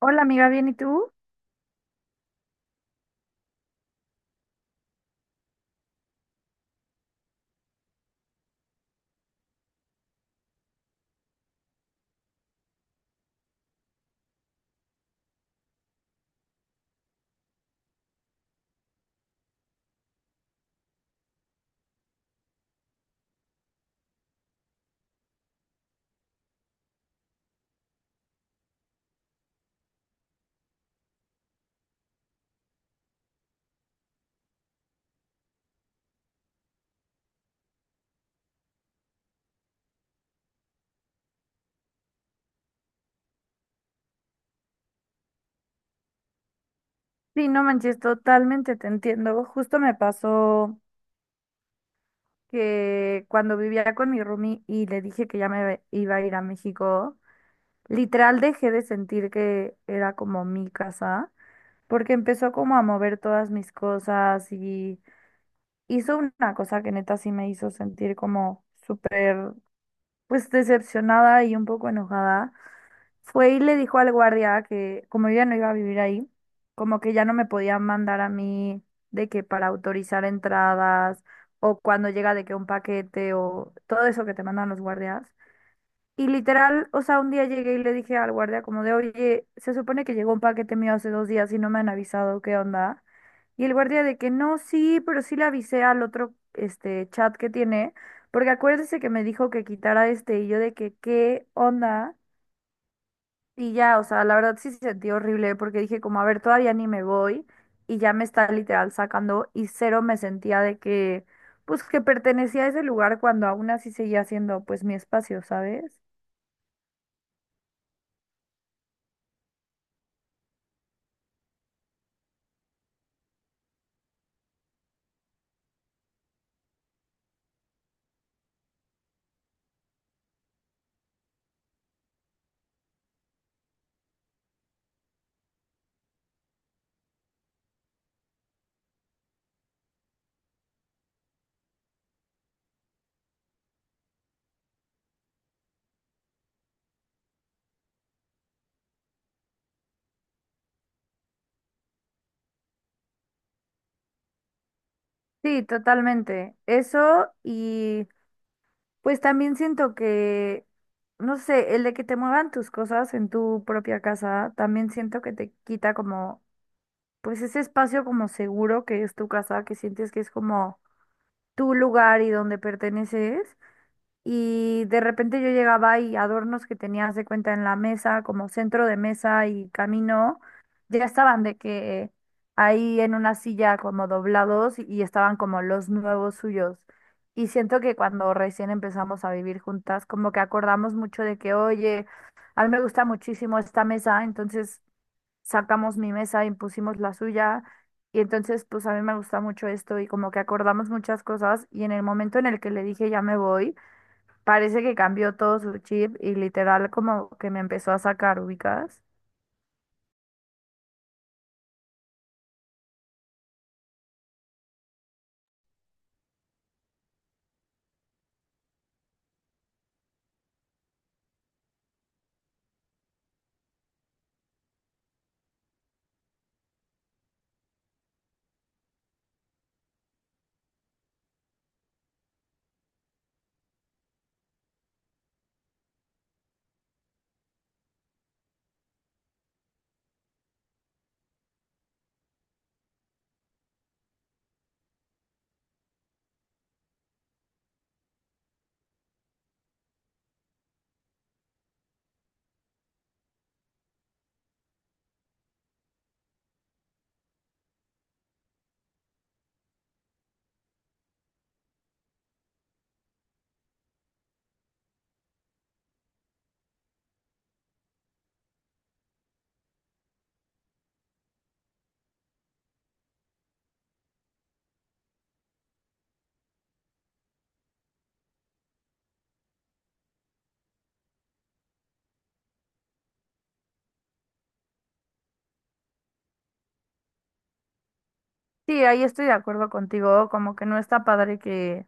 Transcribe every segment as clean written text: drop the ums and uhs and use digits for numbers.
Hola amiga, ¿bien y tú? Sí, no manches, totalmente te entiendo. Justo me pasó que cuando vivía con mi roomie y le dije que ya me iba a ir a México, literal dejé de sentir que era como mi casa, porque empezó como a mover todas mis cosas y hizo una cosa que neta sí me hizo sentir como súper, pues decepcionada y un poco enojada. Fue y le dijo al guardia que como yo ya no iba a vivir ahí, como que ya no me podían mandar a mí de que para autorizar entradas o cuando llega de que un paquete o todo eso que te mandan los guardias. Y literal, o sea, un día llegué y le dije al guardia como de, oye, se supone que llegó un paquete mío hace dos días y no me han avisado, ¿qué onda? Y el guardia de que no, sí, pero sí le avisé al otro este chat que tiene, porque acuérdese que me dijo que quitara este y yo de que, ¿qué onda? Y ya, o sea, la verdad sí se sentía horrible porque dije como, a ver, todavía ni me voy y ya me está literal sacando y cero me sentía de que, pues que pertenecía a ese lugar cuando aún así seguía siendo pues mi espacio, ¿sabes? Sí, totalmente. Eso y pues también siento que, no sé, el de que te muevan tus cosas en tu propia casa, también siento que te quita como, pues ese espacio como seguro que es tu casa, que sientes que es como tu lugar y donde perteneces. Y de repente yo llegaba y adornos que tenía haz de cuenta en la mesa, como centro de mesa y camino, ya estaban de que ahí en una silla como doblados y estaban como los nuevos suyos. Y siento que cuando recién empezamos a vivir juntas, como que acordamos mucho de que, oye, a mí me gusta muchísimo esta mesa, entonces sacamos mi mesa y pusimos la suya. Y entonces, pues a mí me gusta mucho esto y como que acordamos muchas cosas y en el momento en el que le dije ya me voy, parece que cambió todo su chip y literal como que me empezó a sacar ubicas. Sí, ahí estoy de acuerdo contigo, como que no está padre que,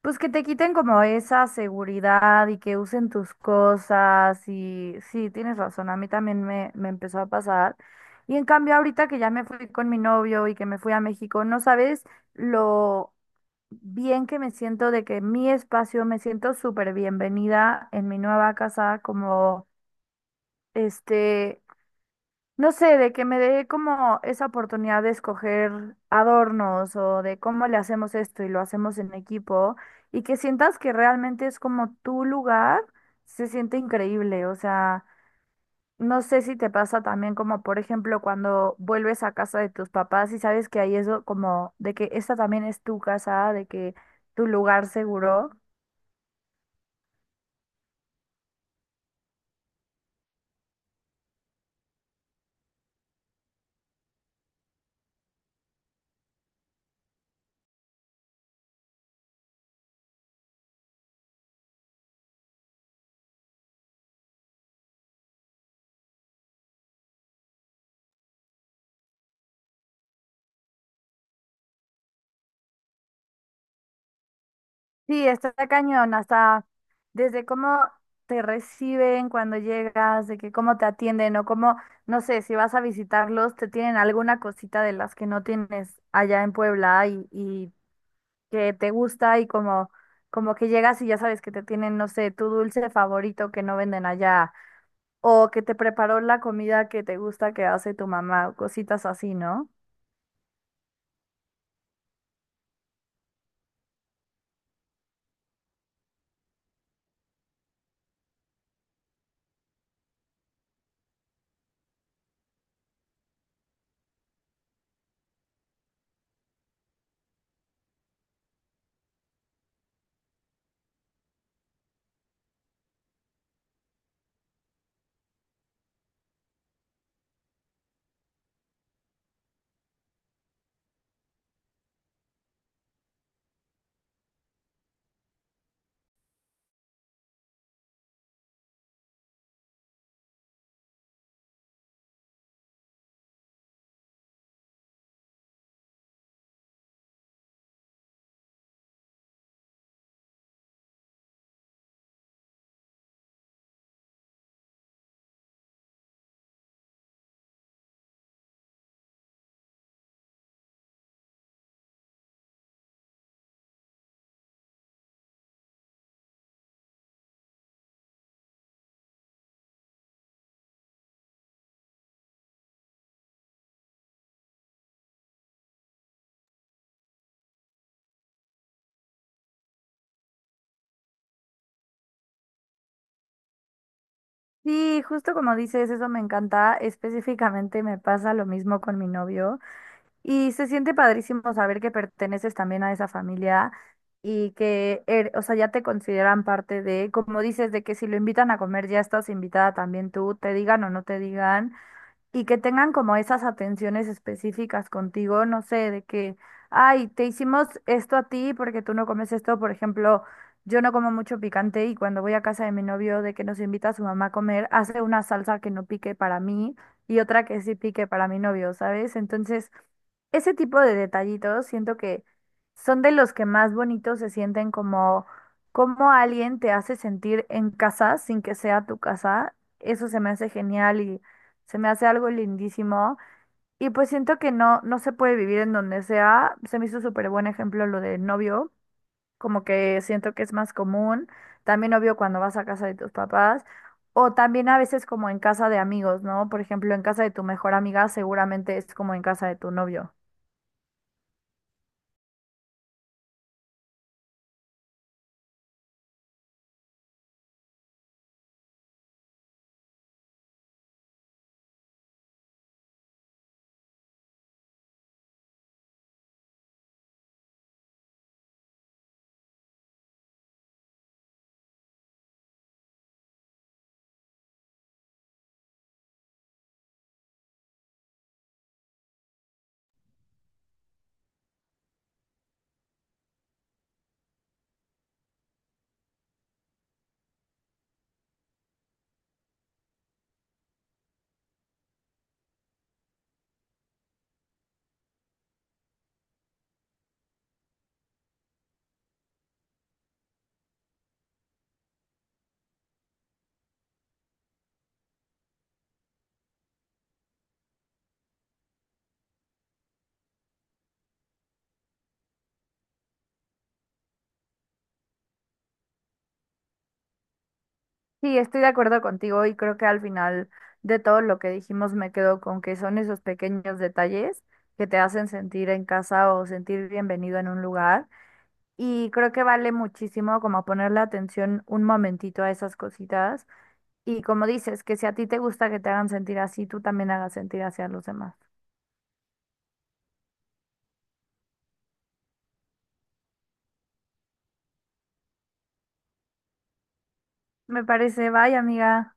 pues que te quiten como esa seguridad y que usen tus cosas y sí, tienes razón, a mí también me empezó a pasar. Y en cambio ahorita que ya me fui con mi novio y que me fui a México, no sabes lo bien que me siento de que mi espacio, me siento súper bienvenida en mi nueva casa, como este... no sé, de que me dé como esa oportunidad de escoger adornos o de cómo le hacemos esto y lo hacemos en equipo y que sientas que realmente es como tu lugar, se siente increíble. O sea, no sé si te pasa también como, por ejemplo, cuando vuelves a casa de tus papás y sabes que ahí es como de que esta también es tu casa, de que tu lugar seguro. Sí, está cañón, hasta desde cómo te reciben cuando llegas, de que cómo te atienden o cómo, no sé, si vas a visitarlos, te tienen alguna cosita de las que no tienes allá en Puebla y que te gusta y como, como que llegas y ya sabes que te tienen, no sé, tu dulce favorito que no venden allá o que te preparó la comida que te gusta que hace tu mamá o cositas así, ¿no? Sí, justo como dices, eso me encanta. Específicamente me pasa lo mismo con mi novio. Y se siente padrísimo saber que perteneces también a esa familia y o sea, ya te consideran parte de, como dices, de que si lo invitan a comer ya estás invitada también tú, te digan o no te digan y que tengan como esas atenciones específicas contigo, no sé, de que, ay, te hicimos esto a ti porque tú no comes esto, por ejemplo, yo no como mucho picante y cuando voy a casa de mi novio de que nos invita a su mamá a comer, hace una salsa que no pique para mí y otra que sí pique para mi novio, ¿sabes? Entonces, ese tipo de detallitos siento que son de los que más bonitos se sienten como alguien te hace sentir en casa sin que sea tu casa. Eso se me hace genial y se me hace algo lindísimo. Y pues siento que no, no se puede vivir en donde sea. Se me hizo súper buen ejemplo lo del novio. Como que siento que es más común. También obvio cuando vas a casa de tus papás. O también a veces como en casa de amigos, ¿no? Por ejemplo, en casa de tu mejor amiga seguramente es como en casa de tu novio. Sí, estoy de acuerdo contigo y creo que al final de todo lo que dijimos me quedo con que son esos pequeños detalles que te hacen sentir en casa o sentir bienvenido en un lugar. Y creo que vale muchísimo como ponerle atención un momentito a esas cositas. Y como dices, que si a ti te gusta que te hagan sentir así, tú también hagas sentir así a los demás. Me parece, bye, amiga.